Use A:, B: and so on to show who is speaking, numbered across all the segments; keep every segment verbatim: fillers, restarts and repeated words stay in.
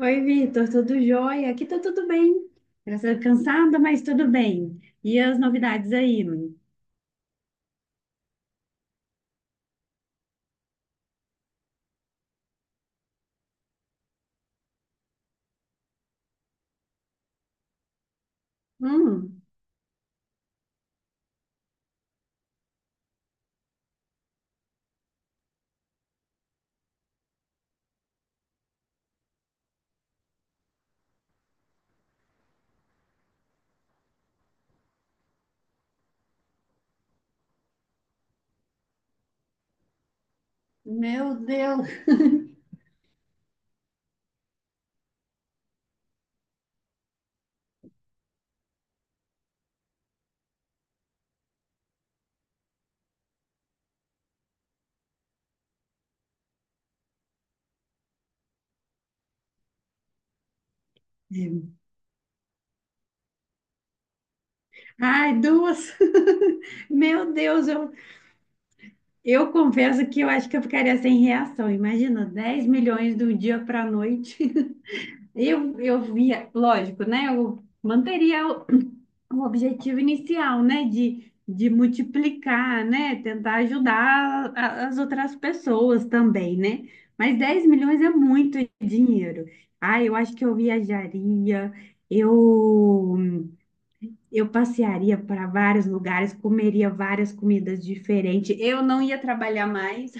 A: Oi, Vitor, tudo jóia? Aqui tá tudo bem. Graças a Deus, cansada, mas tudo bem. E as novidades aí? Hum, meu Deus. Ai, duas. Meu Deus, eu, eu confesso que eu acho que eu ficaria sem reação. Imagina, dez milhões do dia para a noite. Eu, eu via, lógico, né? Eu manteria o objetivo inicial, né, de, de multiplicar, né, tentar ajudar a- as outras pessoas também, né? Mas dez milhões é muito dinheiro. Ah, eu acho que eu viajaria, eu eu passearia para vários lugares, comeria várias comidas diferentes. Eu não ia trabalhar mais.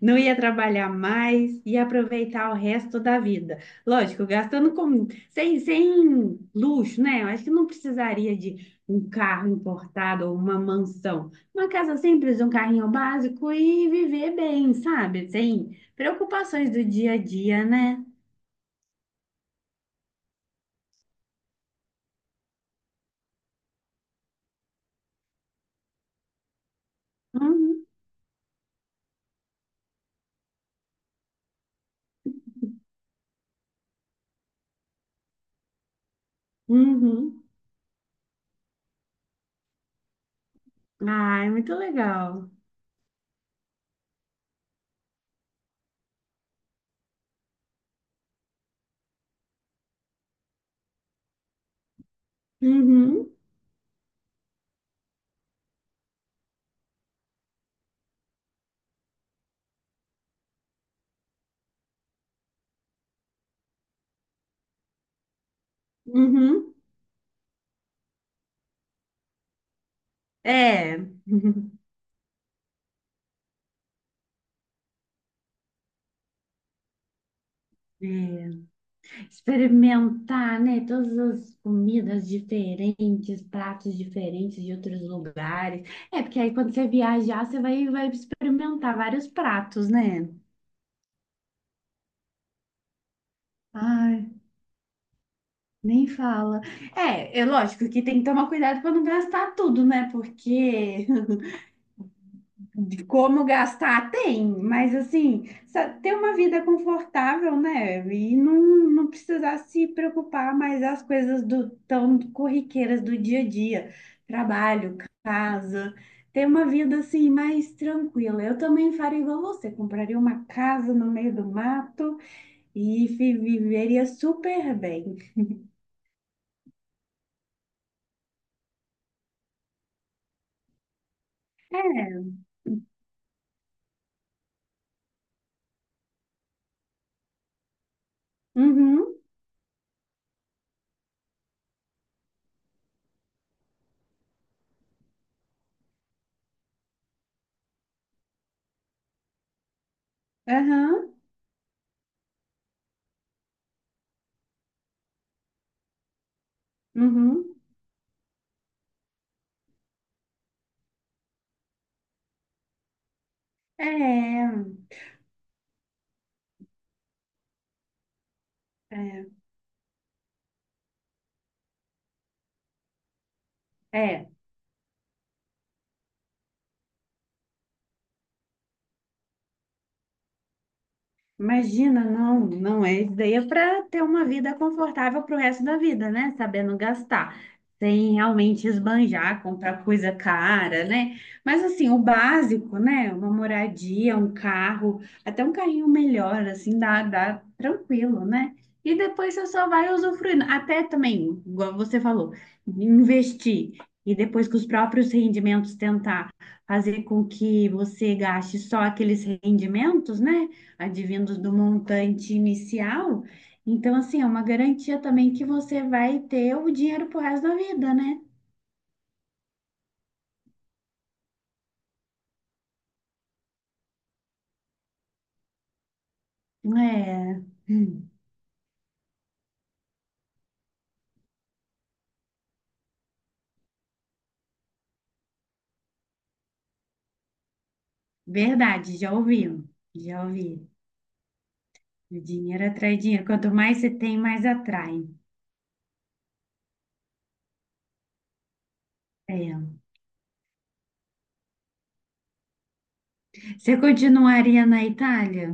A: Não ia trabalhar mais e aproveitar o resto da vida. Lógico, gastando com sem, sem luxo, né? Eu acho que não precisaria de um carro importado ou uma mansão. Uma casa simples, um carrinho básico e viver bem, sabe? Sem preocupações do dia a dia, né? Uhum, uhum. Ah, é muito legal. Uhum, uhum. É. É. Experimentar, né? Todas as comidas diferentes, pratos diferentes de outros lugares. É, porque aí quando você viajar, você vai, vai experimentar vários pratos, né? Ai, nem fala. É, é lógico que tem que tomar cuidado para não gastar tudo, né? Porque De como gastar, tem, mas assim, sa- ter uma vida confortável, né? E não, não precisar se preocupar mais as coisas do, tão corriqueiras do dia a dia, trabalho, casa, ter uma vida assim mais tranquila. Eu também faria igual você, compraria uma casa no meio do mato e fi- viveria super bem. É, uhum, aham, uhum, é, é. É. Imagina, não, não é ideia para ter uma vida confortável para o resto da vida, né? Sabendo gastar, sem realmente esbanjar, comprar coisa cara, né? Mas assim, o básico, né? Uma moradia, um carro, até um carrinho melhor, assim, dá, dá tranquilo, né? E depois você só vai usufruindo. Até também, igual você falou, investir. E depois com os próprios rendimentos tentar fazer com que você gaste só aqueles rendimentos, né? Advindo do montante inicial. Então, assim, é uma garantia também que você vai ter o dinheiro pro resto da vida, né? É, hum, verdade, já ouvi, já ouvi. O dinheiro atrai dinheiro. Quanto mais você tem, mais atrai. É. Você continuaria na Itália?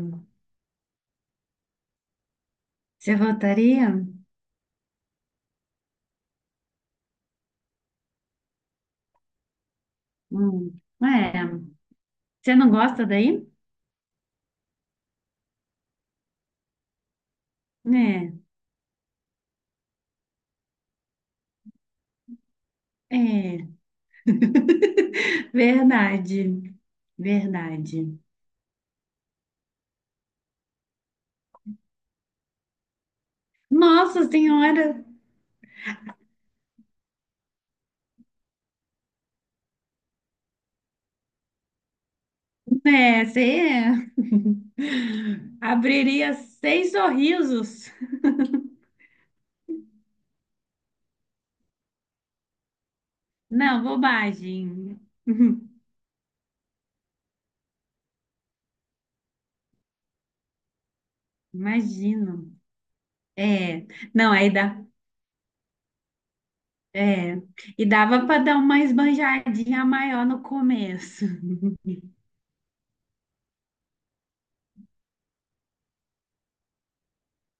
A: Você voltaria? Hum, É. Você não gosta daí? É, é. Verdade, verdade. Nossa Senhora! É, você abriria seis sorrisos. Não, bobagem. Imagino. É, não, aí dá. É, e dava para dar uma esbanjadinha maior no começo.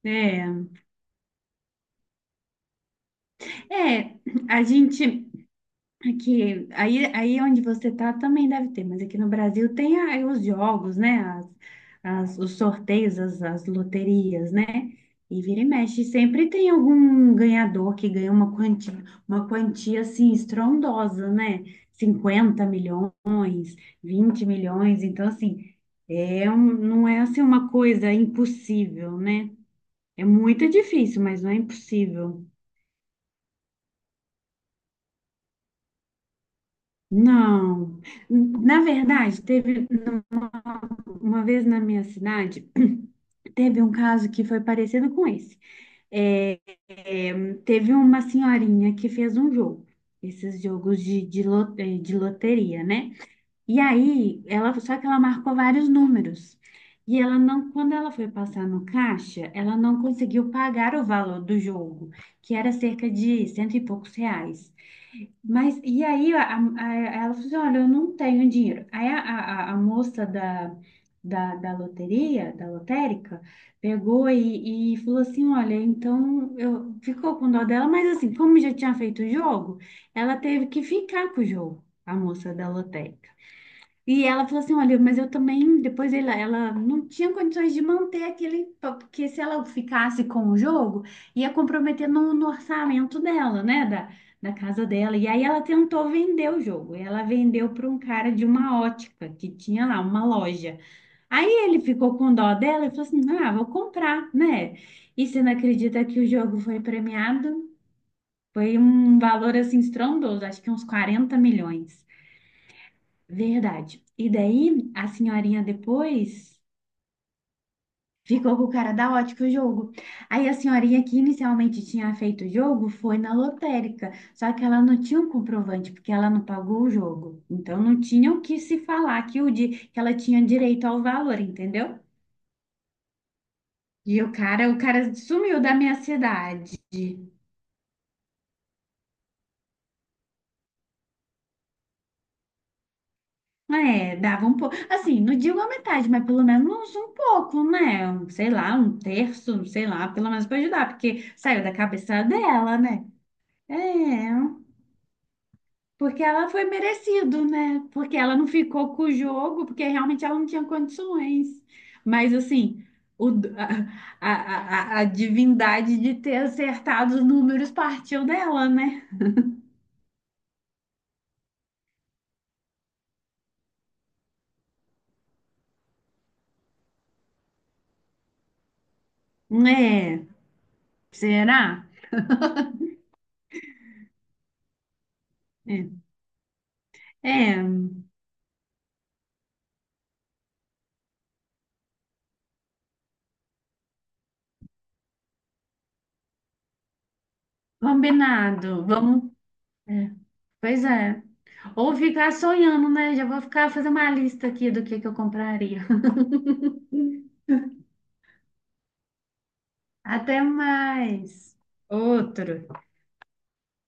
A: É, é, a gente. Aqui, aí, aí onde você tá também deve ter, mas aqui no Brasil tem aí os jogos, né? As, as- os sorteios, as, as loterias, né? E vira e mexe, sempre tem algum ganhador que ganha uma quantia, uma quantia assim estrondosa, né? Cinquenta milhões, vinte milhões, então assim, é um, não é assim uma coisa impossível, né? É muito difícil, mas não é impossível. Não. Na verdade, teve, uma vez na minha cidade, teve um caso que foi parecido com esse. É, é, teve uma senhorinha que fez um jogo, esses jogos de, de, lo- eh, de loteria, né? E aí, ela, só que ela marcou vários números. E ela não, quando ela foi passar no caixa, ela não conseguiu pagar o valor do jogo, que era cerca de cento e poucos reais. Mas e aí a, a- ela falou assim, olha, eu não tenho dinheiro. Aí a, a, a moça da, da, da loteria, da lotérica, pegou e, e falou assim, olha, então eu ficou com dó dela, mas assim, como já tinha feito o jogo, ela teve que ficar com o jogo, a moça da lotérica. E ela falou assim, olha, mas eu também, depois ela, ela não tinha condições de manter aquele, pa- porque se ela ficasse com o jogo, ia comprometer no, no orçamento dela, né, da, da casa dela. E aí ela tentou vender o jogo, ela vendeu para um cara de uma ótica, que tinha lá uma loja. Aí ele ficou com dó dela e falou assim, ah, vou comprar, né? E você não acredita que o jogo foi premiado? Foi um valor, assim, estrondoso, acho que uns quarenta milhões. Verdade. E daí a senhorinha depois ficou com o cara da ótica o jogo. Aí a senhorinha que inicialmente tinha feito o jogo foi na lotérica, só que ela não tinha um comprovante porque ela não pagou o jogo. Então não tinha o que se falar que o di que ela tinha direito ao valor, entendeu? E o cara, o cara sumiu da minha cidade. É, dava um pouco. Assim, não digo a metade, mas pelo menos um pouco, né? Um, sei lá, um terço, sei lá, pelo menos para ajudar, porque saiu da cabeça dela, né? É, porque ela foi merecido, né? Porque ela não ficou com o jogo, porque realmente ela não tinha condições. Mas, assim, o, d- a, a, a, a divindade de ter acertado os números partiu dela, né? É, será? É, é, combinado. Vamos. É. Pois é. Ou ficar sonhando, né? Já vou ficar fazer uma lista aqui do que que eu compraria. Até mais. Outro.